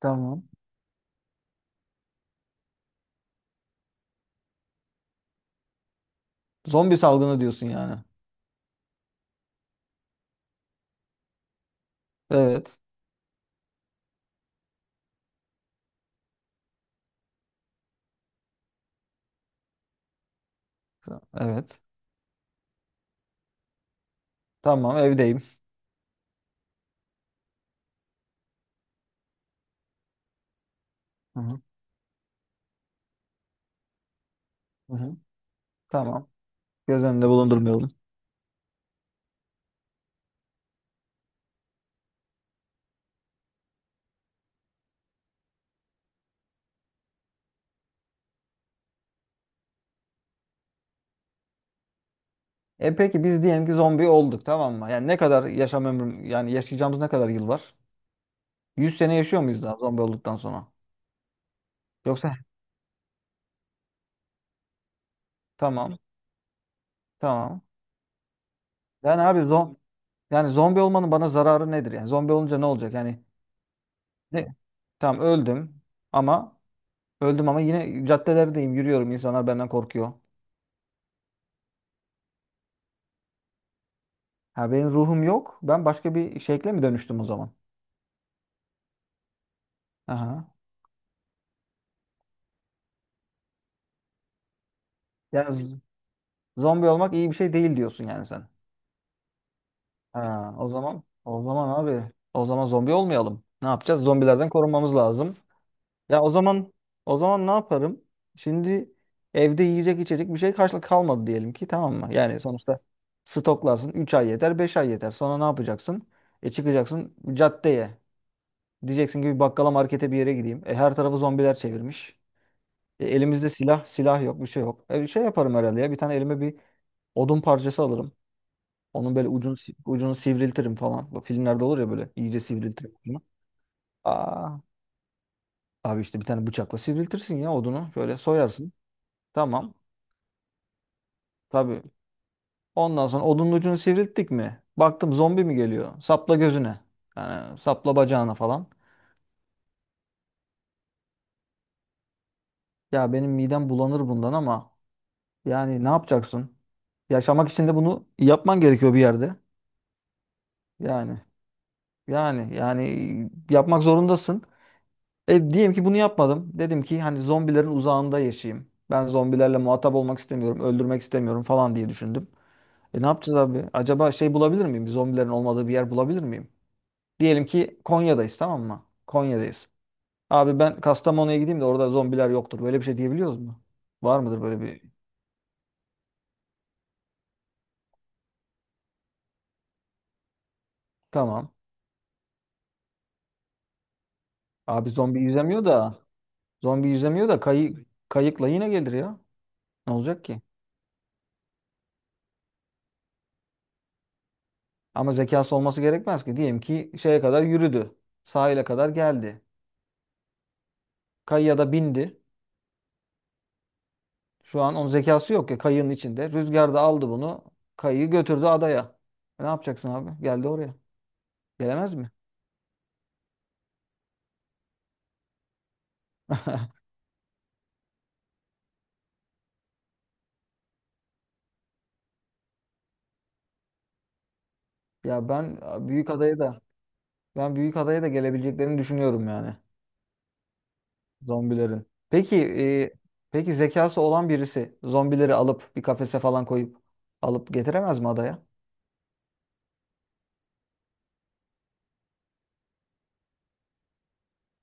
Tamam. Zombi salgını diyorsun yani. Evet. Evet. Tamam, evdeyim. Hı hı. Hı hı. Tamam. Göz önünde bulundurmayalım. E peki biz diyelim ki zombi olduk, tamam mı? Yani ne kadar yaşam ömrüm, yani yaşayacağımız ne kadar yıl var? 100 sene yaşıyor muyuz daha zombi olduktan sonra? Yoksa tamam. Tamam. Yani abi zombi olmanın bana zararı nedir? Yani zombi olunca ne olacak? Yani ne? Tamam öldüm ama öldüm ama yine caddelerdeyim, yürüyorum, insanlar benden korkuyor. Ha, benim ruhum yok. Ben başka bir şekle mi dönüştüm o zaman? Aha. Yani z- Zombi olmak iyi bir şey değil diyorsun yani sen. Ha, o zaman o zaman abi o zaman zombi olmayalım. Ne yapacağız? Zombilerden korunmamız lazım. Ya o zaman ne yaparım? Şimdi evde yiyecek içecek bir şey karşılık kalmadı diyelim ki, tamam mı? Yani sonuçta stoklarsın, 3 ay yeter, 5 ay yeter. Sonra ne yapacaksın? E, çıkacaksın caddeye. Diyeceksin ki bir bakkala, markete, bir yere gideyim. E, her tarafı zombiler çevirmiş. E, elimizde silah, silah yok, bir şey yok. E, bir şey yaparım herhalde ya. Bir tane elime bir odun parçası alırım. Onun böyle ucunu sivriltirim falan. Bu filmlerde olur ya, böyle iyice sivriltirim ucunu. Aa, abi işte bir tane bıçakla sivriltirsin ya odunu. Şöyle soyarsın. Tamam. Tabii. Ondan sonra odunun ucunu sivrilttik mi? Baktım zombi mi geliyor? Sapla gözüne. Yani sapla bacağına falan. Ya benim midem bulanır bundan ama yani ne yapacaksın? Yaşamak için de bunu yapman gerekiyor bir yerde. Yani. Yani yapmak zorundasın. E, diyelim ki bunu yapmadım. Dedim ki hani zombilerin uzağında yaşayayım. Ben zombilerle muhatap olmak istemiyorum, öldürmek istemiyorum falan diye düşündüm. E, ne yapacağız abi? Acaba şey bulabilir miyim? Zombilerin olmadığı bir yer bulabilir miyim? Diyelim ki Konya'dayız, tamam mı? Konya'dayız. Abi ben Kastamonu'ya gideyim de, orada zombiler yoktur. Böyle bir şey diyebiliyoruz mu? Var mıdır böyle bir? Tamam. Abi zombi yüzemiyor da kayıkla yine gelir ya. Ne olacak ki? Ama zekası olması gerekmez ki. Diyelim ki şeye kadar yürüdü. Sahile kadar geldi. Kayıya da bindi. Şu an onun zekası yok ya, kayığın içinde. Rüzgar da aldı bunu. Kayığı götürdü adaya. E, ne yapacaksın abi? Geldi oraya. Gelemez mi? Ya büyük adaya da ben büyük adaya da gelebileceklerini düşünüyorum yani, zombilerin. Peki zekası olan birisi zombileri alıp bir kafese falan koyup alıp getiremez mi adaya?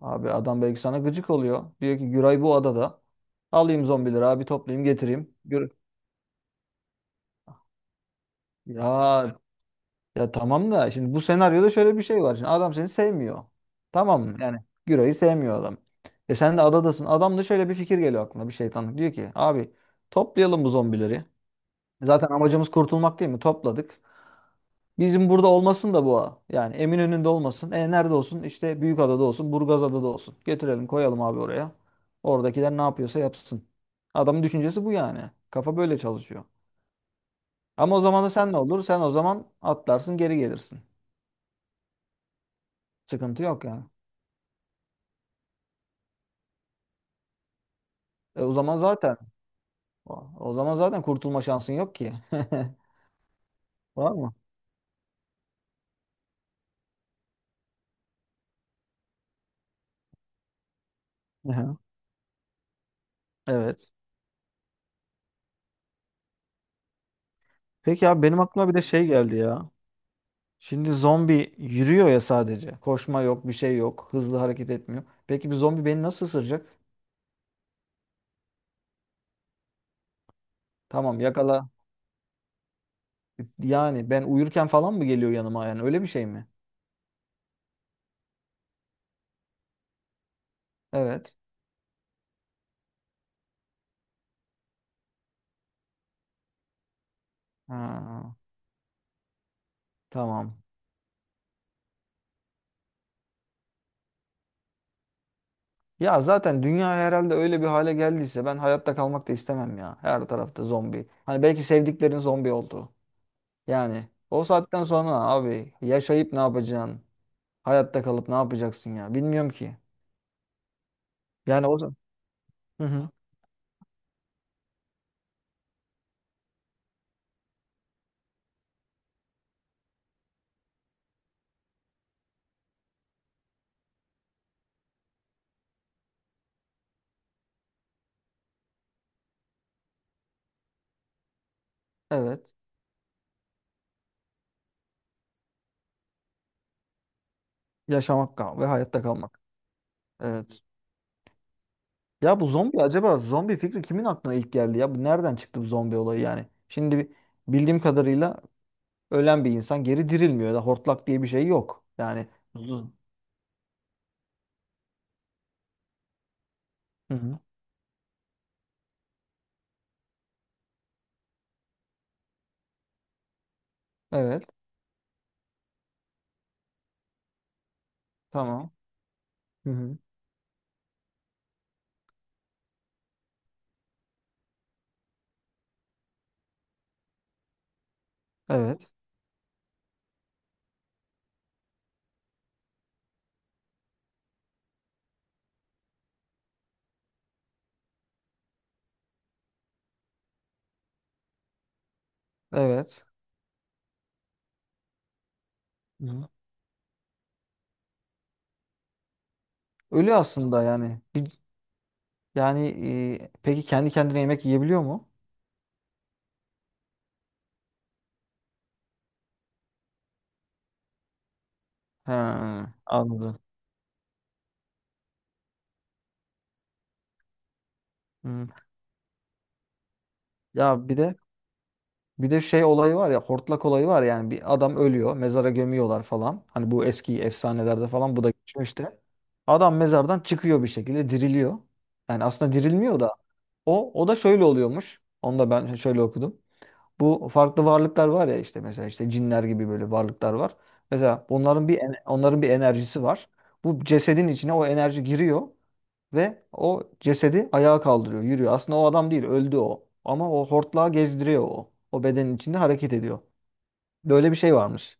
Abi adam belki sana gıcık oluyor. Diyor ki Güray bu adada. Alayım zombileri, abi toplayayım getireyim. Gür ya ya tamam da şimdi bu senaryoda şöyle bir şey var. Şimdi adam seni sevmiyor. Tamam mı? Yani Güray'ı sevmiyor adam. E sen de adadasın. Adam da şöyle bir fikir geliyor aklına, bir şeytanlık. Diyor ki abi toplayalım bu zombileri. Zaten amacımız kurtulmak değil mi? Topladık. Bizim burada olmasın da bu ağa. Yani Eminönü'nde olmasın. E nerede olsun? İşte Büyükada'da olsun, Burgazada'da olsun. Getirelim, koyalım abi oraya. Oradakiler ne yapıyorsa yapsın. Adamın düşüncesi bu yani. Kafa böyle çalışıyor. Ama o zaman da sen ne olur? Sen o zaman atlarsın, geri gelirsin. Sıkıntı yok yani. E o zaman zaten kurtulma şansın yok ki. Var mı? Aha. Evet. Peki abi benim aklıma bir de şey geldi ya. Şimdi zombi yürüyor ya sadece. Koşma yok, bir şey yok. Hızlı hareket etmiyor. Peki bir zombi beni nasıl ısıracak? Tamam, yakala. Yani ben uyurken falan mı geliyor yanıma yani? Öyle bir şey mi? Evet. Ha, tamam. Ya zaten dünya herhalde öyle bir hale geldiyse ben hayatta kalmak da istemem ya. Her tarafta zombi. Hani belki sevdiklerin zombi oldu. Yani o saatten sonra abi yaşayıp ne yapacaksın? Hayatta kalıp ne yapacaksın ya? Bilmiyorum ki. Yani o zaman. Hı hı. Evet. Yaşamak kal ve hayatta kalmak. Evet. Ya bu zombi, acaba zombi fikri kimin aklına ilk geldi ya? Bu nereden çıktı bu zombi olayı yani? Şimdi bildiğim kadarıyla ölen bir insan geri dirilmiyor ya da hortlak diye bir şey yok. Yani. Hı hı. Evet. Tamam. Hı hı. Evet. Evet. Hı hı. Ölü aslında yani. Bir, yani e, peki kendi kendine yemek yiyebiliyor mu? He, anladım. Hı. Ya bir de, bir de şey olayı var ya, hortlak olayı var. Yani bir adam ölüyor, mezara gömüyorlar falan. Hani bu eski efsanelerde falan bu da geçiyor işte. Adam mezardan çıkıyor, bir şekilde diriliyor. Yani aslında dirilmiyor da, o da şöyle oluyormuş. Onu da ben şöyle okudum. Bu farklı varlıklar var ya, işte mesela işte cinler gibi böyle varlıklar var. Mesela onların bir enerjisi var. Bu cesedin içine o enerji giriyor. Ve o cesedi ayağa kaldırıyor, yürüyor. Aslında o adam değil, öldü o. Ama o hortlağı gezdiriyor o. O bedenin içinde hareket ediyor. Böyle bir şey varmış.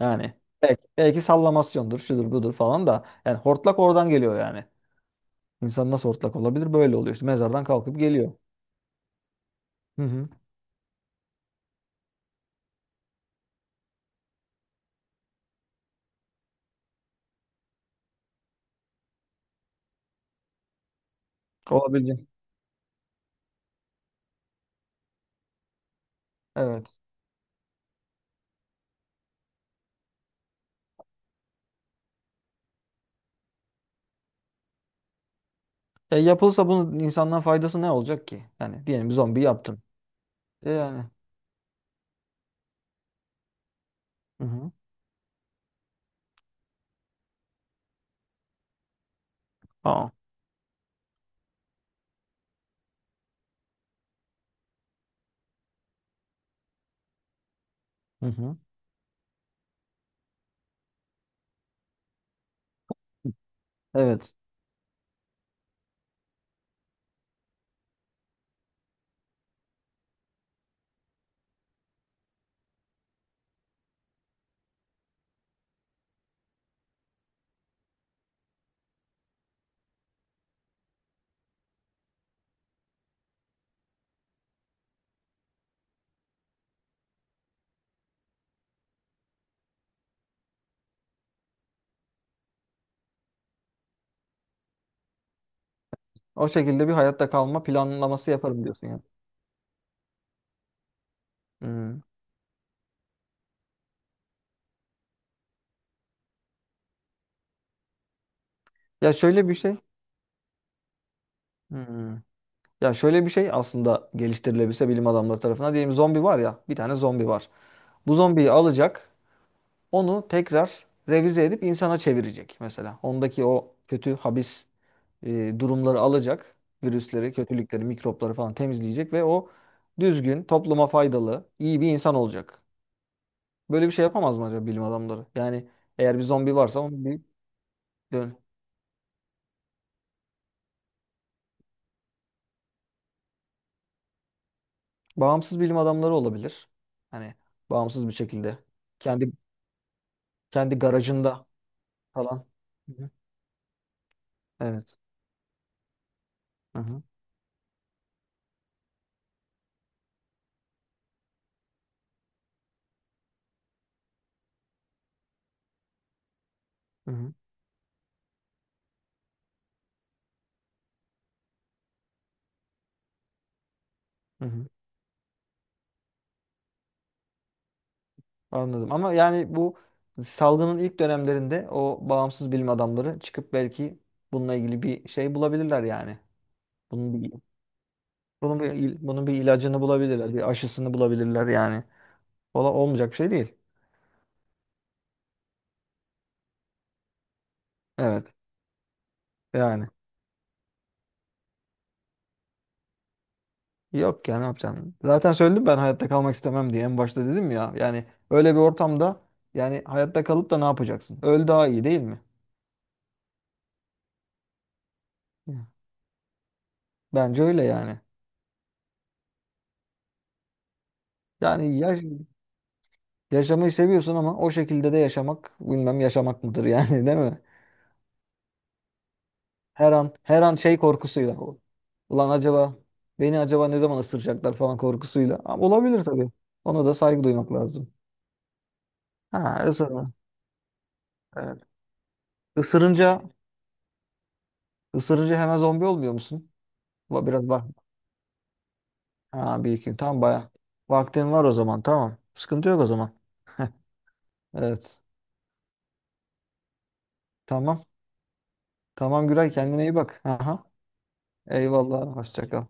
Yani belki, belki sallamasyondur, şudur budur falan da. Yani hortlak oradan geliyor yani. İnsan nasıl hortlak olabilir? Böyle oluyor işte. Mezardan kalkıp geliyor. Hı hı. Olabilecek. Evet. E yapılsa bunun insandan faydası ne olacak ki? Yani diyelim bir zombi yaptın. E yani. Hı hı. Aa. Hı hı. Evet. O şekilde bir hayatta kalma planlaması yaparım diyorsun yani. Hmm. Ya şöyle bir şey. Hmm. Ya şöyle bir şey aslında geliştirilebilse bilim adamları tarafından. Diyelim zombi var ya, bir tane zombi var. Bu zombiyi alacak, onu tekrar revize edip insana çevirecek mesela. Ondaki o kötü habis durumları alacak, virüsleri, kötülükleri, mikropları falan temizleyecek ve o düzgün, topluma faydalı, iyi bir insan olacak. Böyle bir şey yapamaz mı acaba bilim adamları? Yani eğer bir zombi varsa onu bir dön. Bağımsız bilim adamları olabilir. Hani bağımsız bir şekilde. Kendi Kendi garajında falan. Hı hı. Evet. Hı hı. Hı hı. Hı hı. Anladım. Ama yani bu salgının ilk dönemlerinde o bağımsız bilim adamları çıkıp belki bununla ilgili bir şey bulabilirler yani. Bunun bir, Bunun bir ilacını bulabilirler. Bir aşısını bulabilirler yani. Olmayacak bir şey değil. Evet. Yani. Yok ya, ne yapacaksın? Zaten söyledim, ben hayatta kalmak istemem diye. En başta dedim ya. Yani öyle bir ortamda yani hayatta kalıp da ne yapacaksın? Öl, daha iyi değil mi? Hı. Bence öyle yani. Yani yaşamayı seviyorsun ama o şekilde de yaşamak bilmem yaşamak mıdır yani değil mi? Her an, her an şey korkusuyla. Ulan beni acaba ne zaman ısıracaklar falan korkusuyla. Ama olabilir tabii. Ona da saygı duymak lazım. Ha, ısırma. Evet. Isırınca ısırınca hemen zombi olmuyor musun? Biraz bak. Ha, bir iki. Tam baya. Vaktin var o zaman. Tamam. Sıkıntı yok o zaman. Evet. Tamam. Tamam Güray, kendine iyi bak. Aha. Eyvallah. Hoşça kal.